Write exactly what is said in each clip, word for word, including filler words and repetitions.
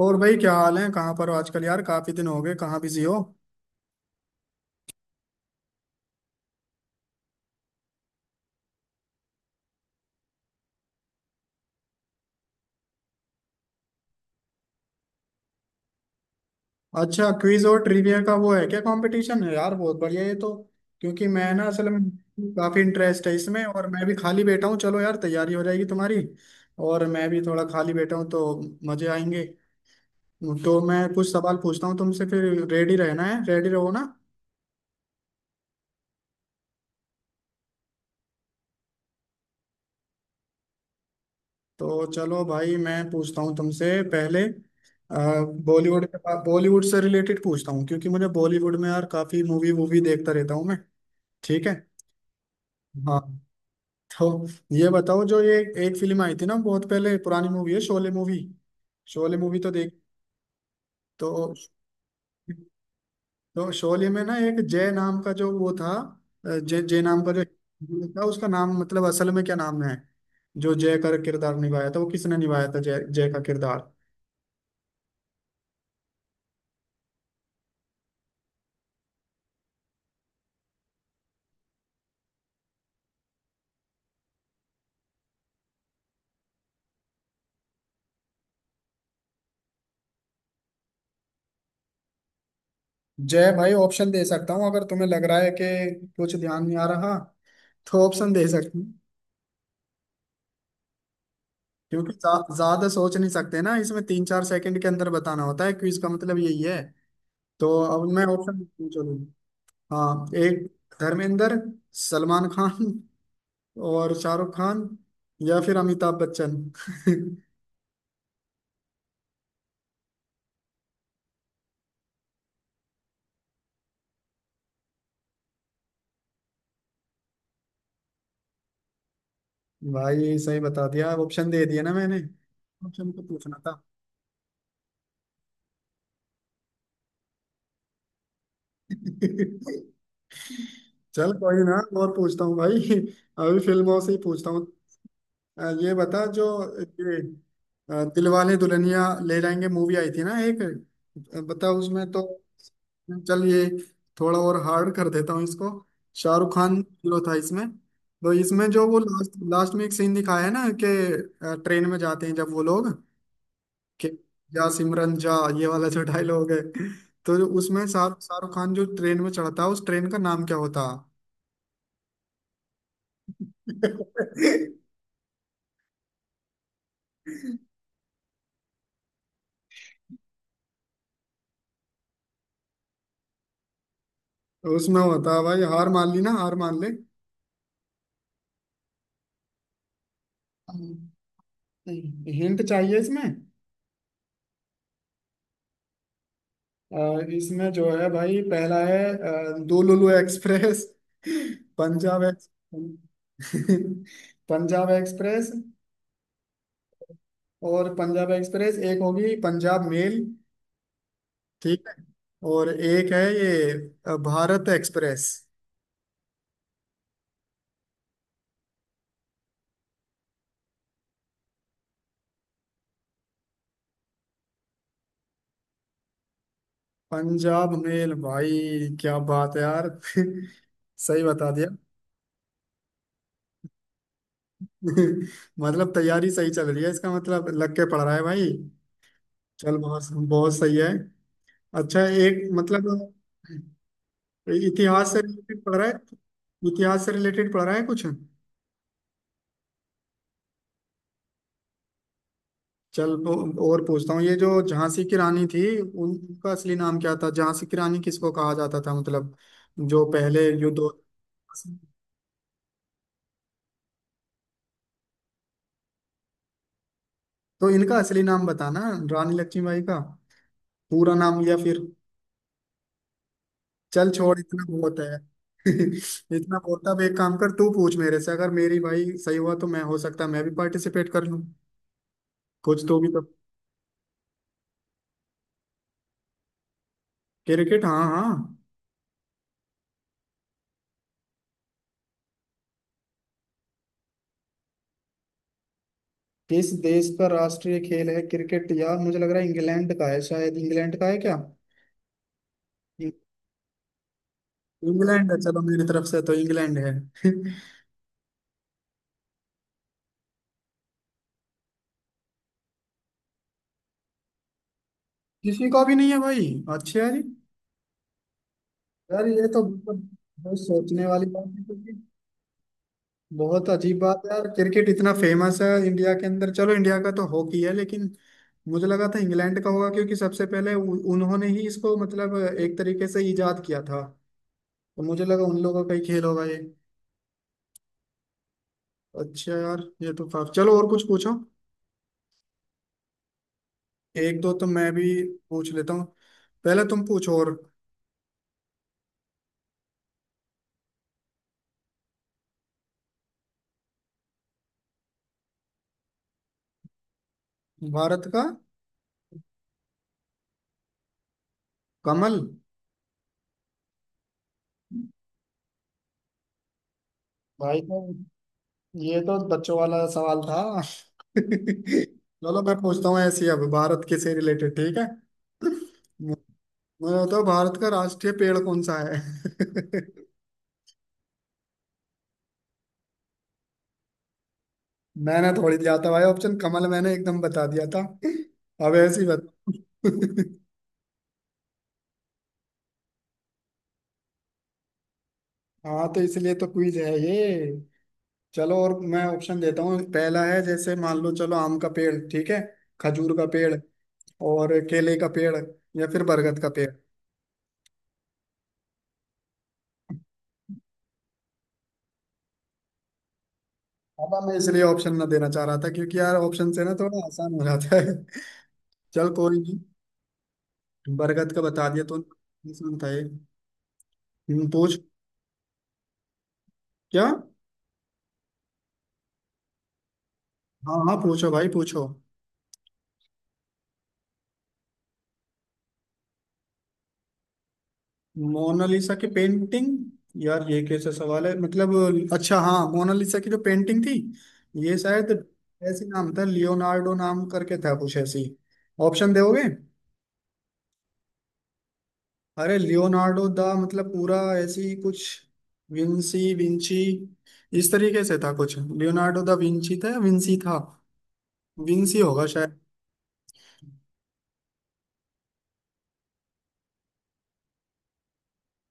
और भाई क्या हाल है? कहाँ पर हो आजकल यार? काफी दिन हो गए, कहाँ बिजी हो? अच्छा, क्विज और ट्रिविया का वो है क्या, कंपटीशन है यार? बहुत बढ़िया ये तो। क्योंकि मैं ना असल में काफी इंटरेस्ट है इसमें, और मैं भी खाली बैठा हूँ। चलो यार, तैयारी हो जाएगी तुम्हारी, और मैं भी थोड़ा खाली बैठा हूँ तो मजे आएंगे। तो मैं कुछ सवाल पूछता हूँ तुमसे, फिर रेडी रहना है, रेडी रहो ना। तो चलो भाई, मैं पूछता हूँ तुमसे पहले बॉलीवुड, बॉलीवुड से रिलेटेड पूछता हूँ, क्योंकि मुझे बॉलीवुड में यार काफी मूवी वूवी देखता रहता हूँ मैं। ठीक है? हाँ। तो ये बताओ, जो ये एक फिल्म आई थी ना बहुत पहले, पुरानी मूवी है, शोले मूवी। शोले मूवी तो देख। तो तो शोले में ना एक जय नाम का जो वो था, अ, जय जय नाम का जो था, उसका नाम मतलब असल में क्या नाम है? जो जय का किरदार निभाया था वो किसने निभाया था, जय जय का किरदार? जय भाई, ऑप्शन दे सकता हूँ अगर तुम्हें लग रहा है कि कुछ ध्यान नहीं आ रहा, तो ऑप्शन दे सकती हूँ। क्योंकि ज्या- ज्यादा सोच नहीं सकते ना इसमें, तीन चार सेकंड के अंदर बताना होता है, क्विज का मतलब यही है। तो अब मैं ऑप्शन चलूँ। हाँ, एक धर्मेंद्र, सलमान खान, और शाहरुख खान, या फिर अमिताभ बच्चन। भाई सही बता दिया, ऑप्शन दे दिया ना मैंने, ऑप्शन तो पूछना था। चल कोई ना, और पूछता हूँ भाई। अभी फिल्मों से ही पूछता हूँ। अ, ये बता, जो ये अ, दिलवाले दुल्हनिया ले जाएंगे मूवी आई थी ना एक, अ, बता उसमें तो, चल ये थोड़ा और हार्ड कर देता हूँ इसको। शाहरुख खान हीरो था इसमें। तो इसमें जो वो लास्ट लास्ट में एक सीन दिखाया है ना कि अ, ट्रेन में जाते हैं जब वो लोग, कि जा सिमरन जा, ये वाला जो डायलॉग है। तो जो उसमें शाहरुख शाहरुख खान जो ट्रेन में चढ़ता है, उस ट्रेन का नाम क्या होता? तो उसमें होता है भाई, हार मान ली ना, हार मान ले। हिंट चाहिए इसमें? अ, इसमें जो है भाई, पहला है अ, दुलुलु express. Punjab x Punjab express. और पंजाब एक्सप्रेस, एक होगी पंजाब मेल, ठीक है? और एक है ये अ, भारत एक्सप्रेस। पंजाब मेल भाई, क्या बात है यार। सही बता दिया। मतलब तैयारी सही चल रही है, इसका मतलब लग के पढ़ रहा है भाई। चल, बहुत बहुत सही है। अच्छा, एक मतलब इतिहास से रिलेटेड पढ़ रहा है, इतिहास से रिलेटेड पढ़ रहा है कुछ? चल वो- और पूछता हूँ, ये जो झांसी की रानी थी, उनका असली नाम क्या था? झांसी की रानी किसको कहा जाता था, मतलब जो पहले युद्ध हो- तो इनका असली नाम बताना, रानी लक्ष्मीबाई का पूरा नाम, या फिर चल छोड़, इतना बहुत है। इतना बहुत है। अब एक काम कर, तू पूछ मेरे से, अगर मेरी भाई सही हुआ तो मैं, हो सकता है मैं भी पार्टिसिपेट कर लूं, कुछ तो भी तो। क्रिकेट? हाँ हाँ। किस देश का राष्ट्रीय खेल है क्रिकेट? यार मुझे लग रहा है इंग्लैंड का है, शायद इंग्लैंड का है क्या? इं- इंग्लैंड है, चलो मेरी तरफ से तो इंग्लैंड है। किसी का भी नहीं है भाई? अच्छा यार यार, ये तो मतलब बहुत सोचने वाली बात है, क्योंकि बहुत अजीब बात है यार, क्रिकेट इतना फेमस है इंडिया के अंदर। चलो इंडिया का तो हॉकी है, लेकिन मुझे लगा था इंग्लैंड का होगा, क्योंकि सबसे पहले उ- उन्होंने ही इसको मतलब एक तरीके से इजाद किया था, तो मुझे लगा उन लोगों का ही खेल होगा ये। अच्छा यार, ये तो काफी, चलो और कुछ पूछो। एक दो तो मैं भी पूछ लेता हूँ, पहले तुम पूछो और। भारत का? कमल। भाई तो ये तो बच्चों वाला सवाल था। चलो मैं पूछता हूँ ऐसी, अब भारत के से रिलेटेड, ठीक है? मु- मुझे बताओ, भारत का राष्ट्रीय पेड़ कौन सा है? मैंने थोड़ी दिया था भाई ऑप्शन, कमल मैंने एकदम बता दिया था। अब ऐसी बता। हाँ तो इसलिए तो क्विज है ये। चलो और मैं ऑप्शन देता हूँ, पहला है, जैसे मान लो, चलो आम का पेड़, ठीक है? खजूर का पेड़, और केले का पेड़, या फिर बरगद का पेड़। अब मैं इसलिए ऑप्शन ना देना चाह रहा था, क्योंकि यार ऑप्शन से ना थोड़ा आसान हो जाता है। चल कोई नहीं, बरगद का बता दिया तो, आसान था ये। हम्म, पूछ। क्या? हाँ हाँ, पूछो भाई, पूछो। मोनालिसा की पेंटिंग? यार ये कैसा सवाल है मतलब। अच्छा हाँ, मोनालिसा की जो पेंटिंग थी, ये शायद ऐसी नाम था, लियोनार्डो नाम करके था कुछ ऐसी। ऑप्शन दोगे? अरे लियोनार्डो दा, मतलब पूरा ऐसी कुछ विंसी विंची, इस तरीके से था कुछ, लियोनार्डो दा विंची था या विंसी था? विंसी होगा शायद।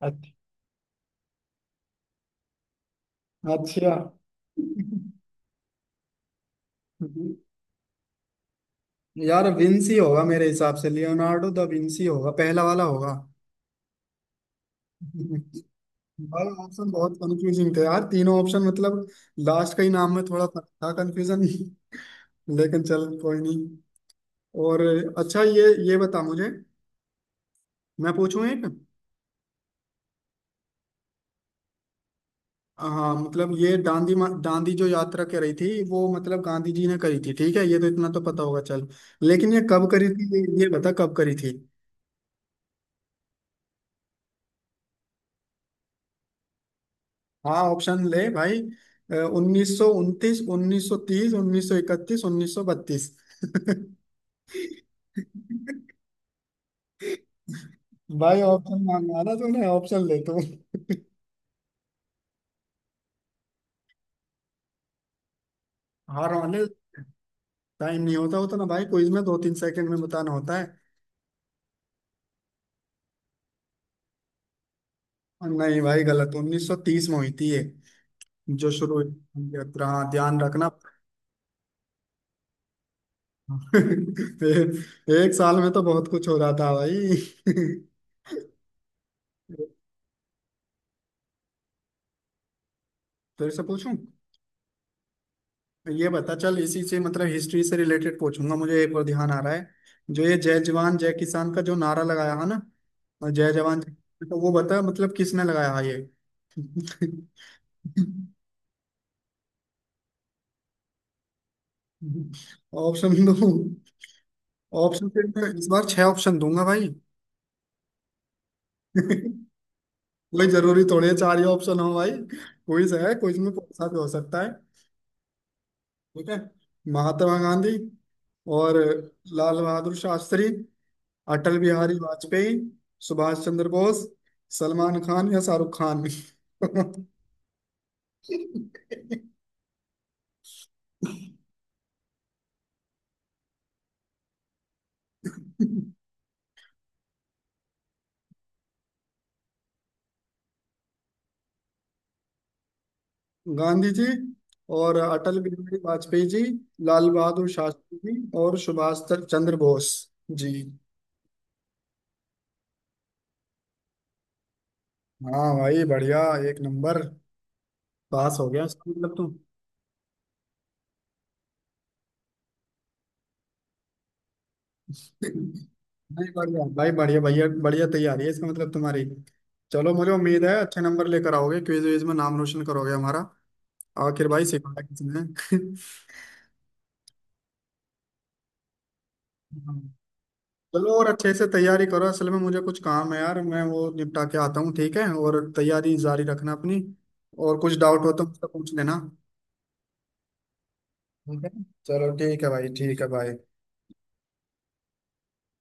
अच्छा। अच्छा। यार विंसी होगा मेरे हिसाब से, लियोनार्डो दा विंसी होगा, पहला वाला होगा। भाई ऑप्शन बहुत कंफ्यूजिंग थे यार, तीनों ऑप्शन मतलब, लास्ट का ही नाम में थोड़ा फर्क था, कंफ्यूजन। लेकिन चल कोई नहीं। और अच्छा, ये ये बता मुझे, मैं पूछूं एक? हाँ मतलब, ये दांडी मा- दांडी जो यात्रा कर रही थी वो, मतलब गांधी जी ने करी थी, ठीक है ये तो, इतना तो पता होगा चल। लेकिन ये कब करी थी? ये, ये बता कब करी थी। हाँ ऑप्शन ले भाई, उन्नीस सौ उनतीस, उन्नीस सौ तीस, उन्नीस सौ इकतीस, उन्नीस सौ बत्तीस। भाई ऑप्शन मांगा ना तूने, ऑप्शन ले तू हार वाले। टाइम नहीं होता उतना भाई, क्विज में दो तीन सेकंड में बताना होता है। और नहीं भाई, गलत। उन्नीस सौ तीस में हुई थी ये, जो शुरू हुई थी। हाँ, ध्यान रखना। ए- एक साल में तो बहुत कुछ हो रहा था भाई। फिर से पूछूं? ये बता, चल इसी से मतलब हिस्ट्री से रिलेटेड पूछूंगा, मुझे एक और ध्यान आ रहा है। जो ये जय जवान जय किसान का जो नारा लगाया है ना, जय जवान जय- तो वो बता मतलब किसने लगाया है ये। ऑप्शन दो? ऑप्शन से मैं इस बार छह ऑप्शन दूंगा भाई। कोई जरूरी थोड़ी है चार ही ऑप्शन हो भाई, क्विज है, क्विज में पूछा भी हो सकता है। ठीक है, महात्मा गांधी, और लाल बहादुर शास्त्री, अटल बिहारी वाजपेयी, सुभाष चंद्र बोस, सलमान खान या शाहरुख खान। गांधी जी, और अटल बिहारी वाजपेयी जी, लाल बहादुर शास्त्री जी, और सुभाष चंद्र बोस जी। हाँ भाई बढ़िया, एक नंबर पास हो गया, इसका मतलब तुम। नहीं, बढ़िया भाई, बढ़िया भैया, बढ़िया तैयारी है इसका मतलब तुम्हारी। चलो मुझे उम्मीद है अच्छे नंबर लेकर आओगे, क्विज विज में नाम रोशन करोगे हमारा। आखिर भाई सिखाया किसने। चलो और अच्छे से तैयारी करो, असल में मुझे कुछ काम है यार, मैं वो निपटा के आता हूँ, ठीक है? और तैयारी जारी रखना अपनी, और कुछ डाउट हो तो मुझसे पूछ लेना। ठीक है, चलो ठीक है भाई, ठीक है भाई।